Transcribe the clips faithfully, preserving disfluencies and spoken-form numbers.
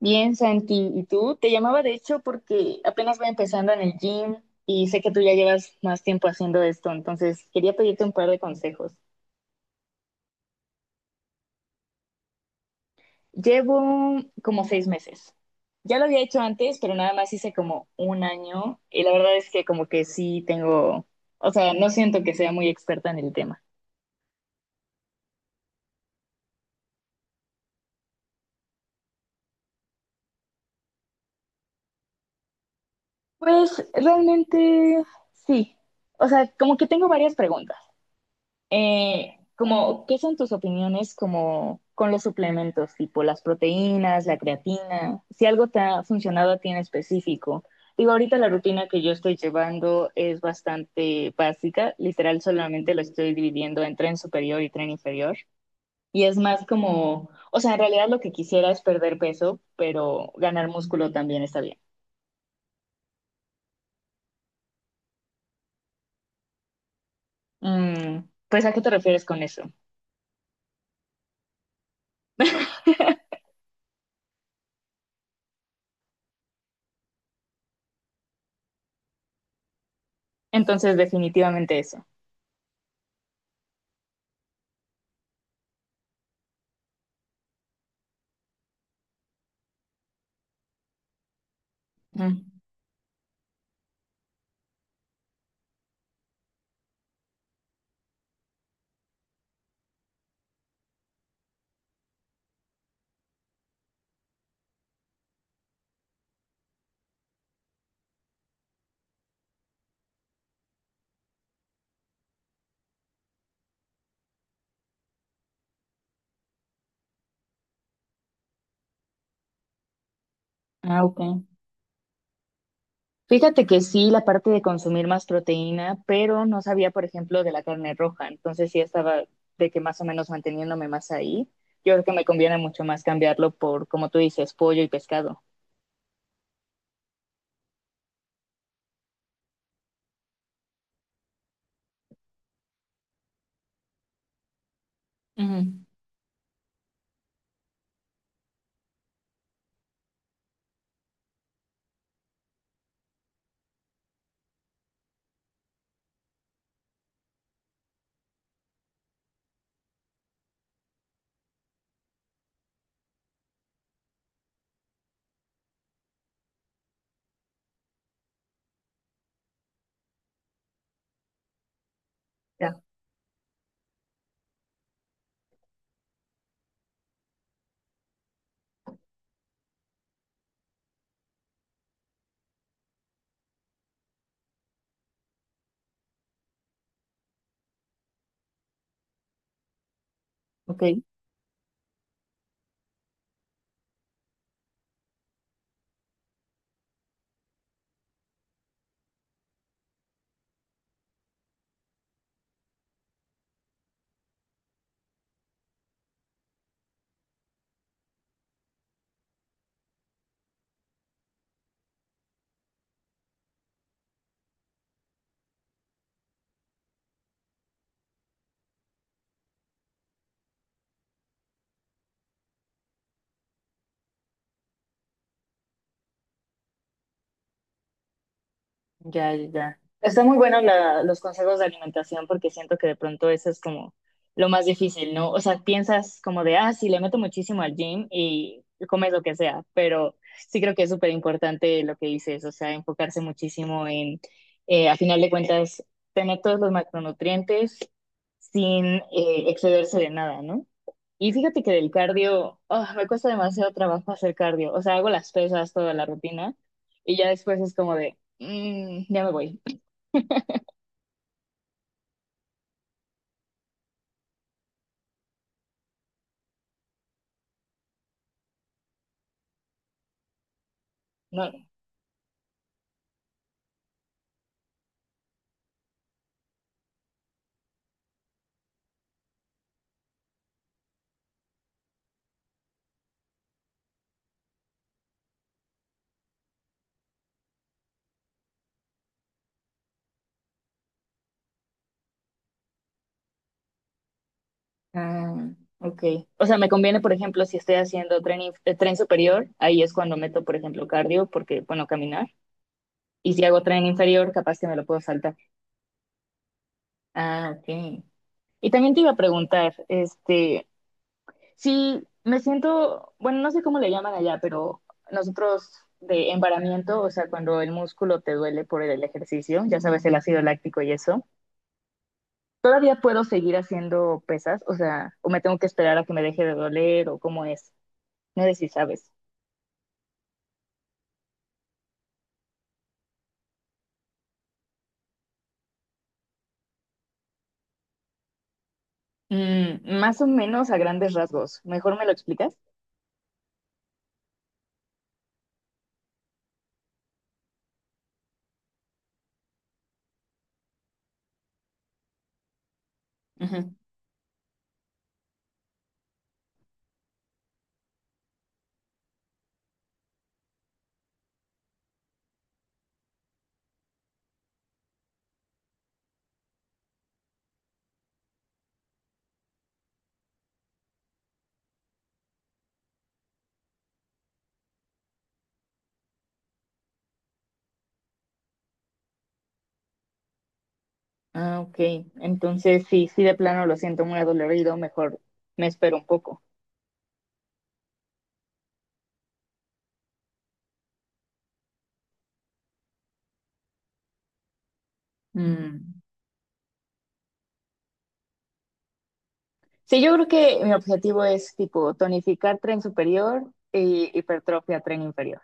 Bien, Santi, ¿y tú? Te llamaba de hecho porque apenas voy empezando en el gym y sé que tú ya llevas más tiempo haciendo esto, entonces quería pedirte un par de consejos. Llevo como seis meses. Ya lo había hecho antes, pero nada más hice como un año y la verdad es que como que sí tengo, o sea, no siento que sea muy experta en el tema. Pues realmente sí. O sea, como que tengo varias preguntas. Eh, como, ¿qué son tus opiniones como con los suplementos, tipo las proteínas, la creatina? Si algo te ha funcionado a ti en específico. Digo, ahorita la rutina que yo estoy llevando es bastante básica, literal solamente lo estoy dividiendo en tren superior y tren inferior. Y es más como, o sea, en realidad lo que quisiera es perder peso, pero ganar músculo también está bien. Mm, pues, ¿a qué te refieres con eso? Entonces, definitivamente eso. Mm. Ah, ok. Fíjate que sí, la parte de consumir más proteína, pero no sabía, por ejemplo, de la carne roja, entonces sí estaba de que más o menos manteniéndome más ahí. Yo creo que me conviene mucho más cambiarlo por, como tú dices, pollo y pescado. Ujú, ya, ok. Ya, ya, ya. Está muy bueno la- los consejos de alimentación porque siento que de pronto eso es como lo más difícil, ¿no? O sea, piensas como de, ah, sí, le meto muchísimo al gym y comes lo que sea, pero sí creo que es súper importante lo que dices, o sea, enfocarse muchísimo en, eh, a final de cuentas, tener todos los macronutrientes sin eh, excederse de nada, ¿no? Y fíjate que del cardio, ah, me cuesta demasiado trabajo hacer cardio. O sea, hago las pesas, toda la rutina, y ya después es como de, mm, ya me voy. No. Ah, ok. O sea, me conviene, por ejemplo, si estoy haciendo tren, inf- eh, tren superior, ahí es cuando meto, por ejemplo, cardio, porque, bueno, caminar. Y si hago tren inferior, capaz que me lo puedo saltar. Ah, ok. Y también te iba a preguntar, este, si me siento, bueno, no sé cómo le llaman allá, pero nosotros de embaramiento, o sea, cuando el músculo te duele por el ejercicio, ya sabes, el ácido láctico y eso. ¿Todavía puedo seguir haciendo pesas? O sea, ¿o me tengo que esperar a que me deje de doler o cómo es? No sé si sabes. Mm, más o menos a grandes rasgos. ¿Mejor me lo explicas? Ujú. Ah, ok. Entonces, sí, sí, de plano lo siento muy adolorido, mejor me espero un poco. Mm. Sí, yo creo que mi objetivo es tipo tonificar tren superior y hipertrofia tren inferior.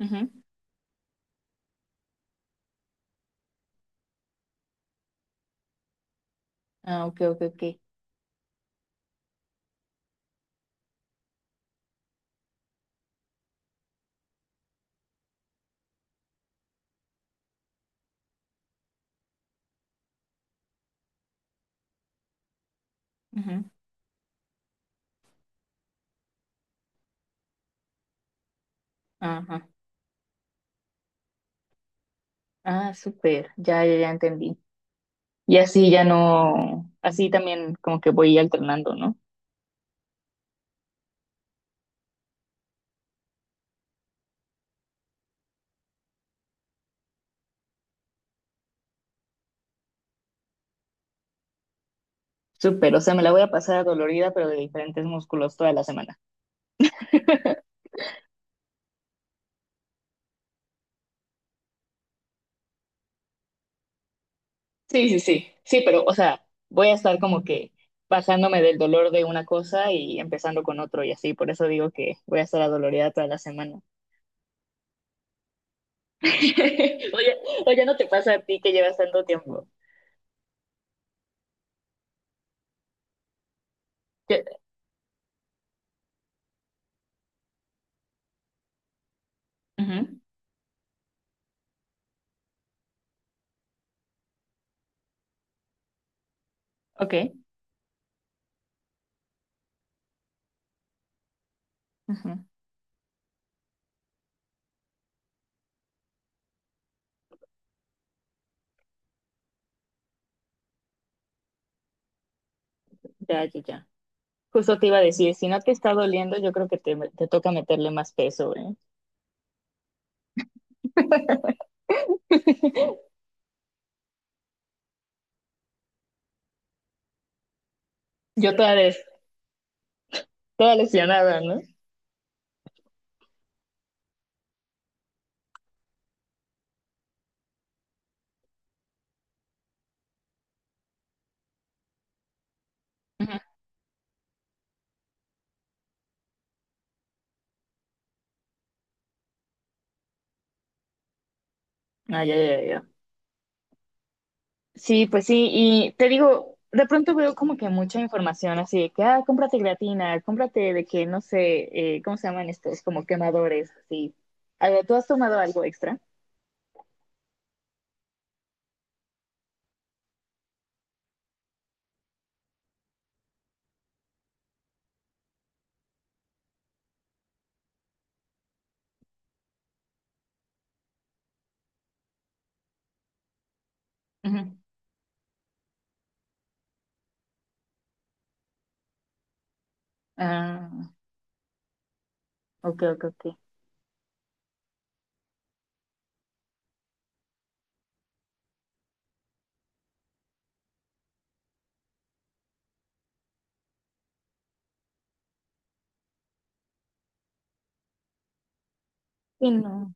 Ujú, ah, ok, ok, ok. Ujú. Ajá. Ah, súper. Ya, ya, ya entendí. Y así ya no, así también como que voy alternando, ¿no? Súper, o sea, me la voy a pasar dolorida, pero de diferentes músculos toda la semana. Sí, sí, sí, sí, pero, o sea, voy a estar como que bajándome del dolor de una cosa y empezando con otro y así, por eso digo que voy a estar adolorida toda la semana. Oye, oye, ¿no te pasa a ti que llevas tanto tiempo? Que- ujú, ok, ujú, ya, ya, ya. Justo te iba a decir, si no te está doliendo, yo creo que te, te toca meterle más peso, ¿eh? Yo toda, des- toda lesionada, ¿no? Ujú. Ah, ya, ya, ya. Sí, pues sí, y te digo, de pronto veo como que mucha información así de que, ah, cómprate creatina, cómprate de que, no sé, eh, ¿cómo se llaman estos? Como quemadores, así. A ver, ¿tú has tomado algo extra? Ujú. Ah, ok, ok, ok. Sí, no,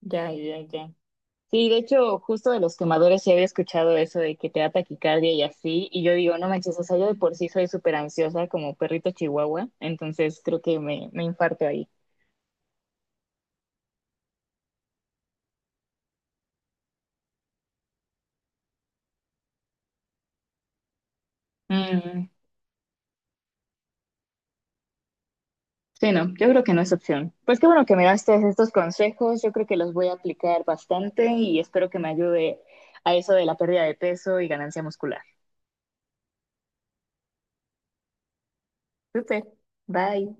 ya, ya, ya. Sí, de hecho, justo de los quemadores sí había escuchado eso de que te da taquicardia y así, y yo digo, no manches, o sea, yo de por sí soy súper ansiosa como perrito chihuahua, entonces creo que me, me infarto ahí. Mm, sí, no, yo creo que no es opción. Pues qué bueno que me daste estos consejos, yo creo que los voy a aplicar bastante y espero que me ayude a eso de la pérdida de peso y ganancia muscular. Súper, bye.